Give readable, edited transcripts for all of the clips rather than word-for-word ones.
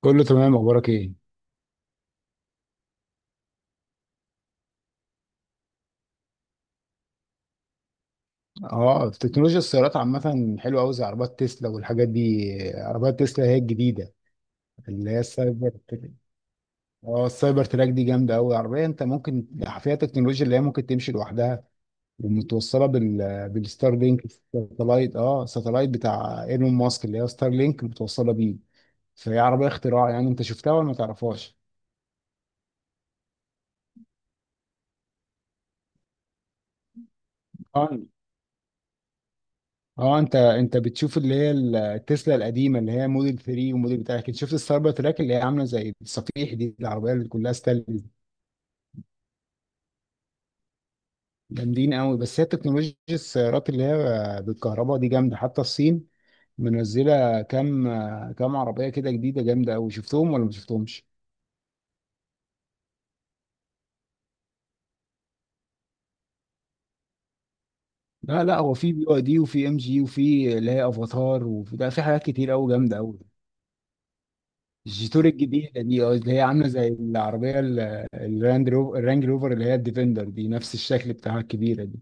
كله تمام، اخبارك ايه؟ اه في تكنولوجيا السيارات عامه حلوه قوي زي عربات تسلا والحاجات دي. عربات تسلا هي الجديده، اللي هي السايبر تراك. اه السايبر تراك دي جامده قوي. عربيه انت ممكن فيها تكنولوجيا اللي هي ممكن تمشي لوحدها، ومتوصله بالستار لينك. ساتلايت، ساتلايت بتاع ايلون ماسك اللي هي ستار لينك متوصله بيه. فهي عربيه اختراع، يعني انت شفتها ولا ما تعرفهاش؟ اه، انت بتشوف اللي هي التسلا القديمه اللي هي موديل 3 وموديل بتاع كده. شفت السايبر تراك اللي هي عامله زي الصفيح دي، العربيه اللي كلها ستايل دي. جامدين قوي. بس هي تكنولوجيا السيارات اللي هي بالكهرباء دي جامده. حتى الصين منزله كام عربيه كده جديده جامده قوي، شفتهم ولا ما شفتهمش؟ لا لا، هو في بي واي دي، وفي ام جي، وفي اللي هي افاتار، وفي ده، في حاجات كتير قوي جامده قوي. الجيتور الجديدة دي، اه، اللي هي عاملة زي العربية الراند روفر، الرانج روفر اللي هي الديفندر دي، نفس الشكل بتاعها الكبيرة دي.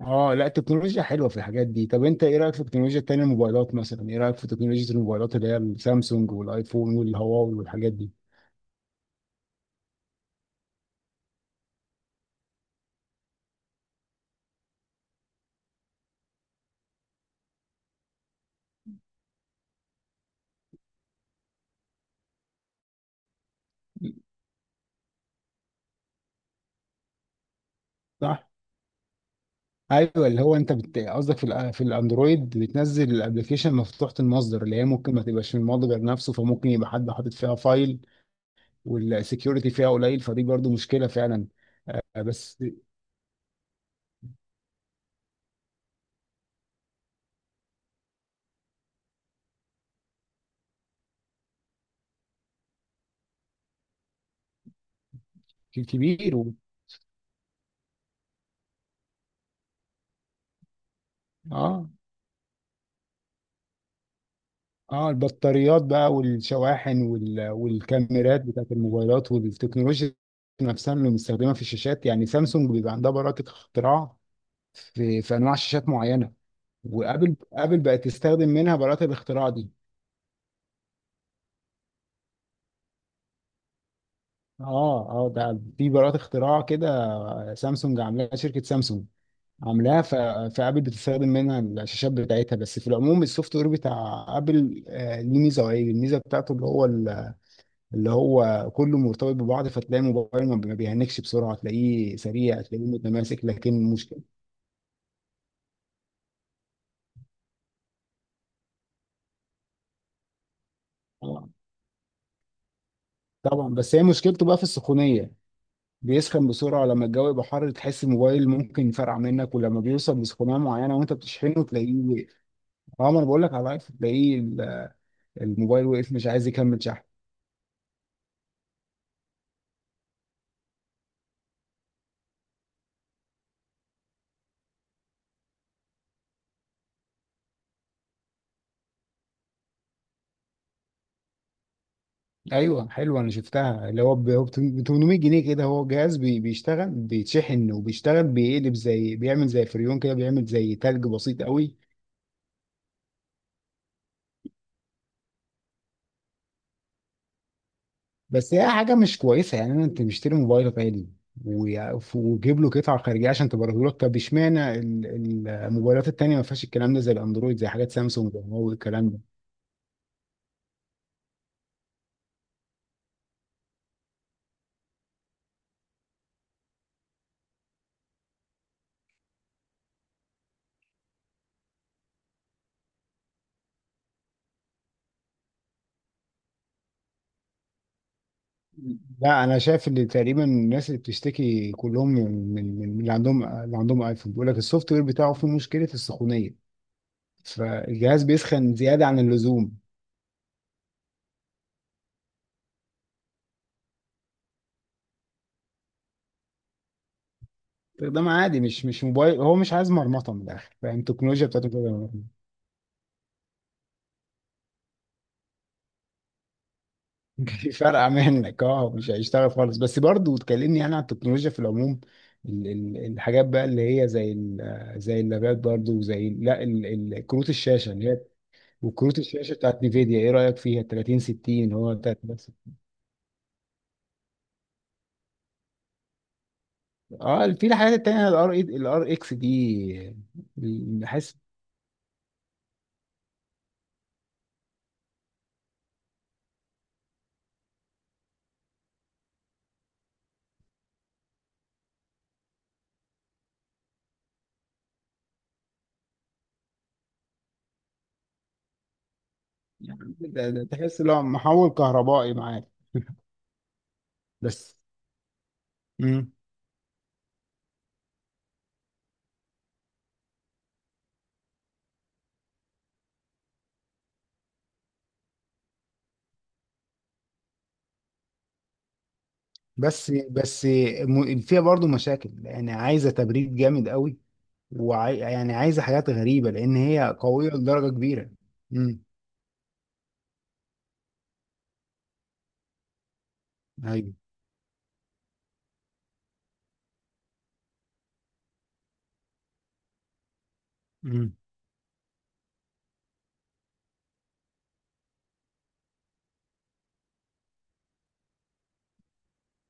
اه لا، التكنولوجيا حلوة في الحاجات دي. طب انت ايه رأيك في التكنولوجيا التانية، الموبايلات مثلا؟ ايه رأيك في تكنولوجيا الموبايلات اللي هي السامسونج والايفون والهواوي والحاجات دي؟ صح. ايوه، اللي هو انت قصدك في في الاندرويد بتنزل الابلكيشن مفتوحه المصدر، اللي هي ممكن ما تبقاش من المصدر نفسه، فممكن يبقى حد حاطط فيها فايل. والسكيورتي فيها قليل، فدي برضو مشكله فعلا. آه، بس. كبير. اه اه، البطاريات بقى والشواحن والكاميرات بتاعت الموبايلات والتكنولوجيا نفسها اللي مستخدمه في الشاشات. يعني سامسونج بيبقى عندها براءة اختراع في انواع شاشات معينه. ابل بقت تستخدم منها براءة الاختراع دي. اه اه، ده في براءة اختراع كده سامسونج عاملاها، شركه سامسونج عاملاها، فابل بتستخدم منها الشاشات بتاعتها. بس في العموم، السوفت وير بتاع ابل ليه ميزه وعيب. الميزه بتاعته اللي هو كله مرتبط ببعض، فتلاقي الموبايل ما بيهنكش بسرعة، تلاقيه سريع، تلاقيه متماسك. لكن مشكلة. طبعا طبعا. بس هي مشكلته بقى في السخونية، بيسخن بسرعة. لما الجو يبقى حر تحس الموبال ممكن يفرقع منك، ولما بيوصل لسخونية معينة وانت بتشحنه تلاقيه وقف. اه، ما انا بقول لك على لايف تلاقيه الموبايل وقف، مش عايز يكمل شحن. ايوه حلوه، انا شفتها اللي هو ب 800 جنيه كده. هو جهاز بيشتغل، بيتشحن وبيشتغل، بيقلب، زي بيعمل زي فريون كده، بيعمل زي تلج بسيط قوي. بس هي حاجه مش كويسه يعني. انا انت مشتري موبايل غالي وجيب له قطعه خارجيه عشان تبرده لك؟ طب اشمعنى الموبايلات التانيه ما فيهاش الكلام ده، زي الاندرويد، زي حاجات سامسونج وهواوي، الكلام ده. لا، انا شايف ان تقريبا الناس اللي بتشتكي كلهم من اللي عندهم، اللي عندهم ايفون، بيقول لك السوفت وير بتاعه فيه مشكله السخونيه، فالجهاز بيسخن زياده عن اللزوم. ده عادي، مش موبايل، هو مش عايز مرمطه من الاخر، فاهم؟ التكنولوجيا بتاعته كده. فرقع منك، مش هيشتغل خالص. بس برضه تكلمني يعني عن التكنولوجيا في العموم. الحاجات بقى اللي هي زي زي اللابات برضه، وزي لا كروت الشاشه اللي هي. وكروت الشاشه بتاعت نيفيديا ايه رايك فيها؟ 30 60، هو 30 60. اه في الحاجات التانيه، الار اكس دي. بحس. يعني ده تحس لو محول كهربائي معاك. بس. مم. بس فيها برضه مشاكل يعني، عايزه تبريد جامد قوي، يعني عايزه حاجات غريبه، لان هي قويه لدرجه كبيره. امم ايوه. امم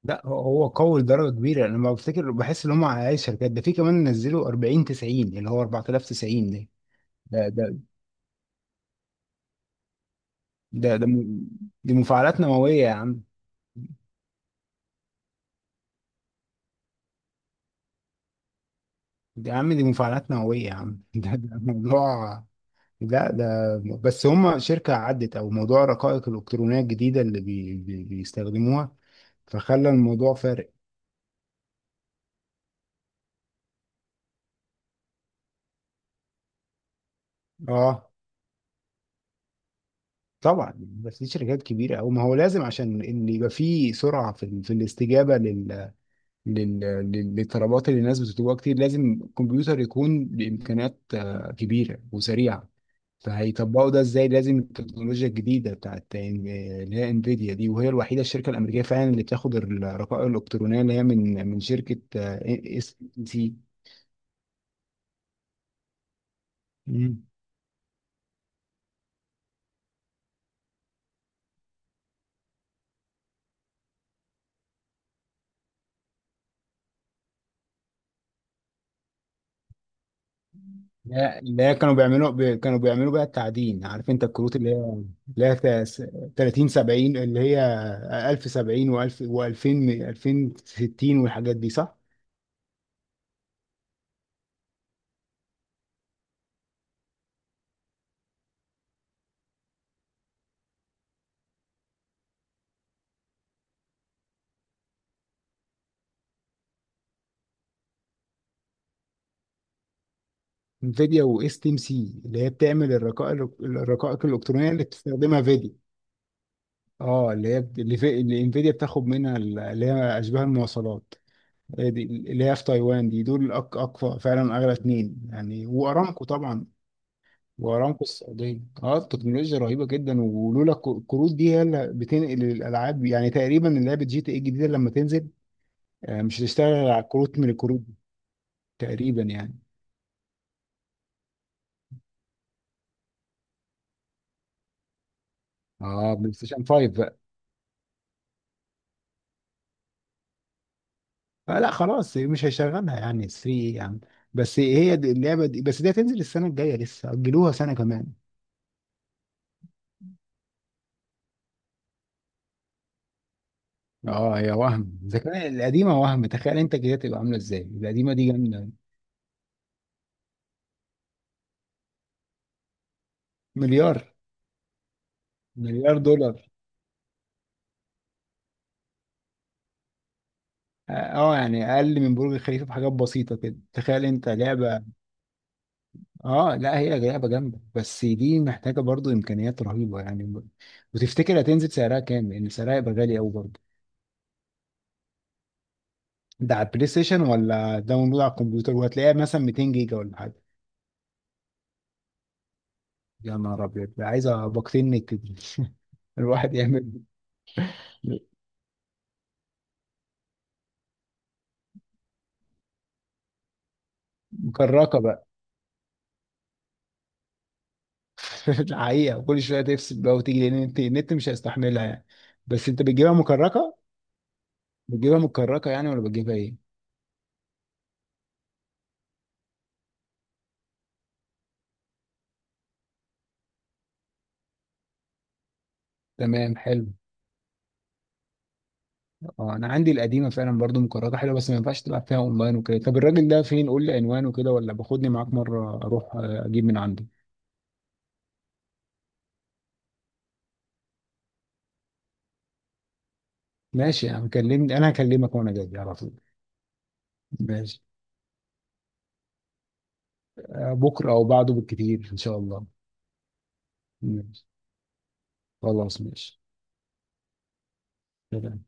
لا، هو قوي لدرجه كبيره. انا لما بفتكر بحس ان هم على الشركات ده في كمان نزلوا 40 90، اللي هو 4090. ده ده ده ده, ده م... دي مفاعلات نوويه يا عم. يا عم، دي مفاعلات نوويه يا عم. ده موضوع. لا ده بس هم شركه عدت، او موضوع الرقائق الالكترونيه الجديده اللي بيستخدموها، فخلى الموضوع فارق. اه طبعا. بس دي شركات كبيره، او ما هو لازم، عشان ان يبقى في سرعه في، في الاستجابه للطلبات اللي الناس بتطلبها كتير، لازم الكمبيوتر يكون بامكانيات كبيره وسريعه. فهيطبقوا ده ازاي؟ لازم التكنولوجيا الجديده بتاعت اللي هي انفيديا دي، وهي الوحيده الشركه الامريكيه فعلا اللي بتاخد الرقائق الالكترونيه اللي هي من شركه آه، إيه، اس سي. لا، اللي هي كانوا بيعملوا بقى التعدين، عارف؟ انت الكروت اللي هي 30 70، اللي هي 1000 70 و1000 و2000 2060 والحاجات دي، صح؟ انفيديا، واس تي ام سي اللي هي بتعمل الرقائق، الالكترونيه اللي بتستخدمها فيديو. اه اللي هي اللي انفيديا بتاخد منها اللي هي اشباه المواصلات. هي دي اللي هي في تايوان دي. دول اقوى فعلا، اغلى اتنين يعني، وارامكو طبعا. وارامكو السعوديه. اه التكنولوجيا رهيبه جدا. ولولا الكروت دي هي اللي بتنقل الالعاب. يعني تقريبا لعبه جي تي اي الجديده لما تنزل، مش هتشتغل على كروت من الكروت دي. تقريبا يعني. اه بلاي ستيشن 5 بقى. آه لا خلاص، مش هيشغلها يعني 3، ايه يعني؟ بس هي دي اللعبه دي، بس دي هتنزل السنه الجايه، لسه اجلوها سنه كمان. اه، يا وهم، اذا كان القديمه وهم، تخيل انت كده تبقى عامله ازاي؟ القديمه دي جامده. مليار. مليار دولار. اه. يعني اقل من برج الخليفه بحاجات بسيطه كده، تخيل انت، لعبه. اه لا، هي لعبه جامده، بس دي محتاجه برضو امكانيات رهيبه يعني. وتفتكر هتنزل سعرها كام؟ لان سعرها هيبقى غالي قوي برضو. ده على البلاي ستيشن، ولا داونلود على الكمبيوتر وهتلاقيها مثلا 200 جيجا ولا حاجه؟ يا نهار ابيض، ده عايزه باقتين نت دي. الواحد يعمل. مكركه بقى. الحقيقه كل شويه تفصل بقى وتيجي، لان النت مش هيستحملها يعني. بس انت بتجيبها مكركه، بتجيبها مكركه يعني ولا بتجيبها ايه؟ تمام حلو. اه انا عندي القديمه فعلا برضو مكررة حلوه، بس ما ينفعش تلعب فيها اونلاين وكده. طب الراجل ده فين؟ قول لي عنوانه كده، ولا باخدني معاك مره اروح اجيب من عنده. ماشي يا عم، كلمني، انا هكلمك وانا جاي على طول. ماشي. بكره او بعده بالكتير ان شاء الله. ماشي خلاص، ماشي. سلام.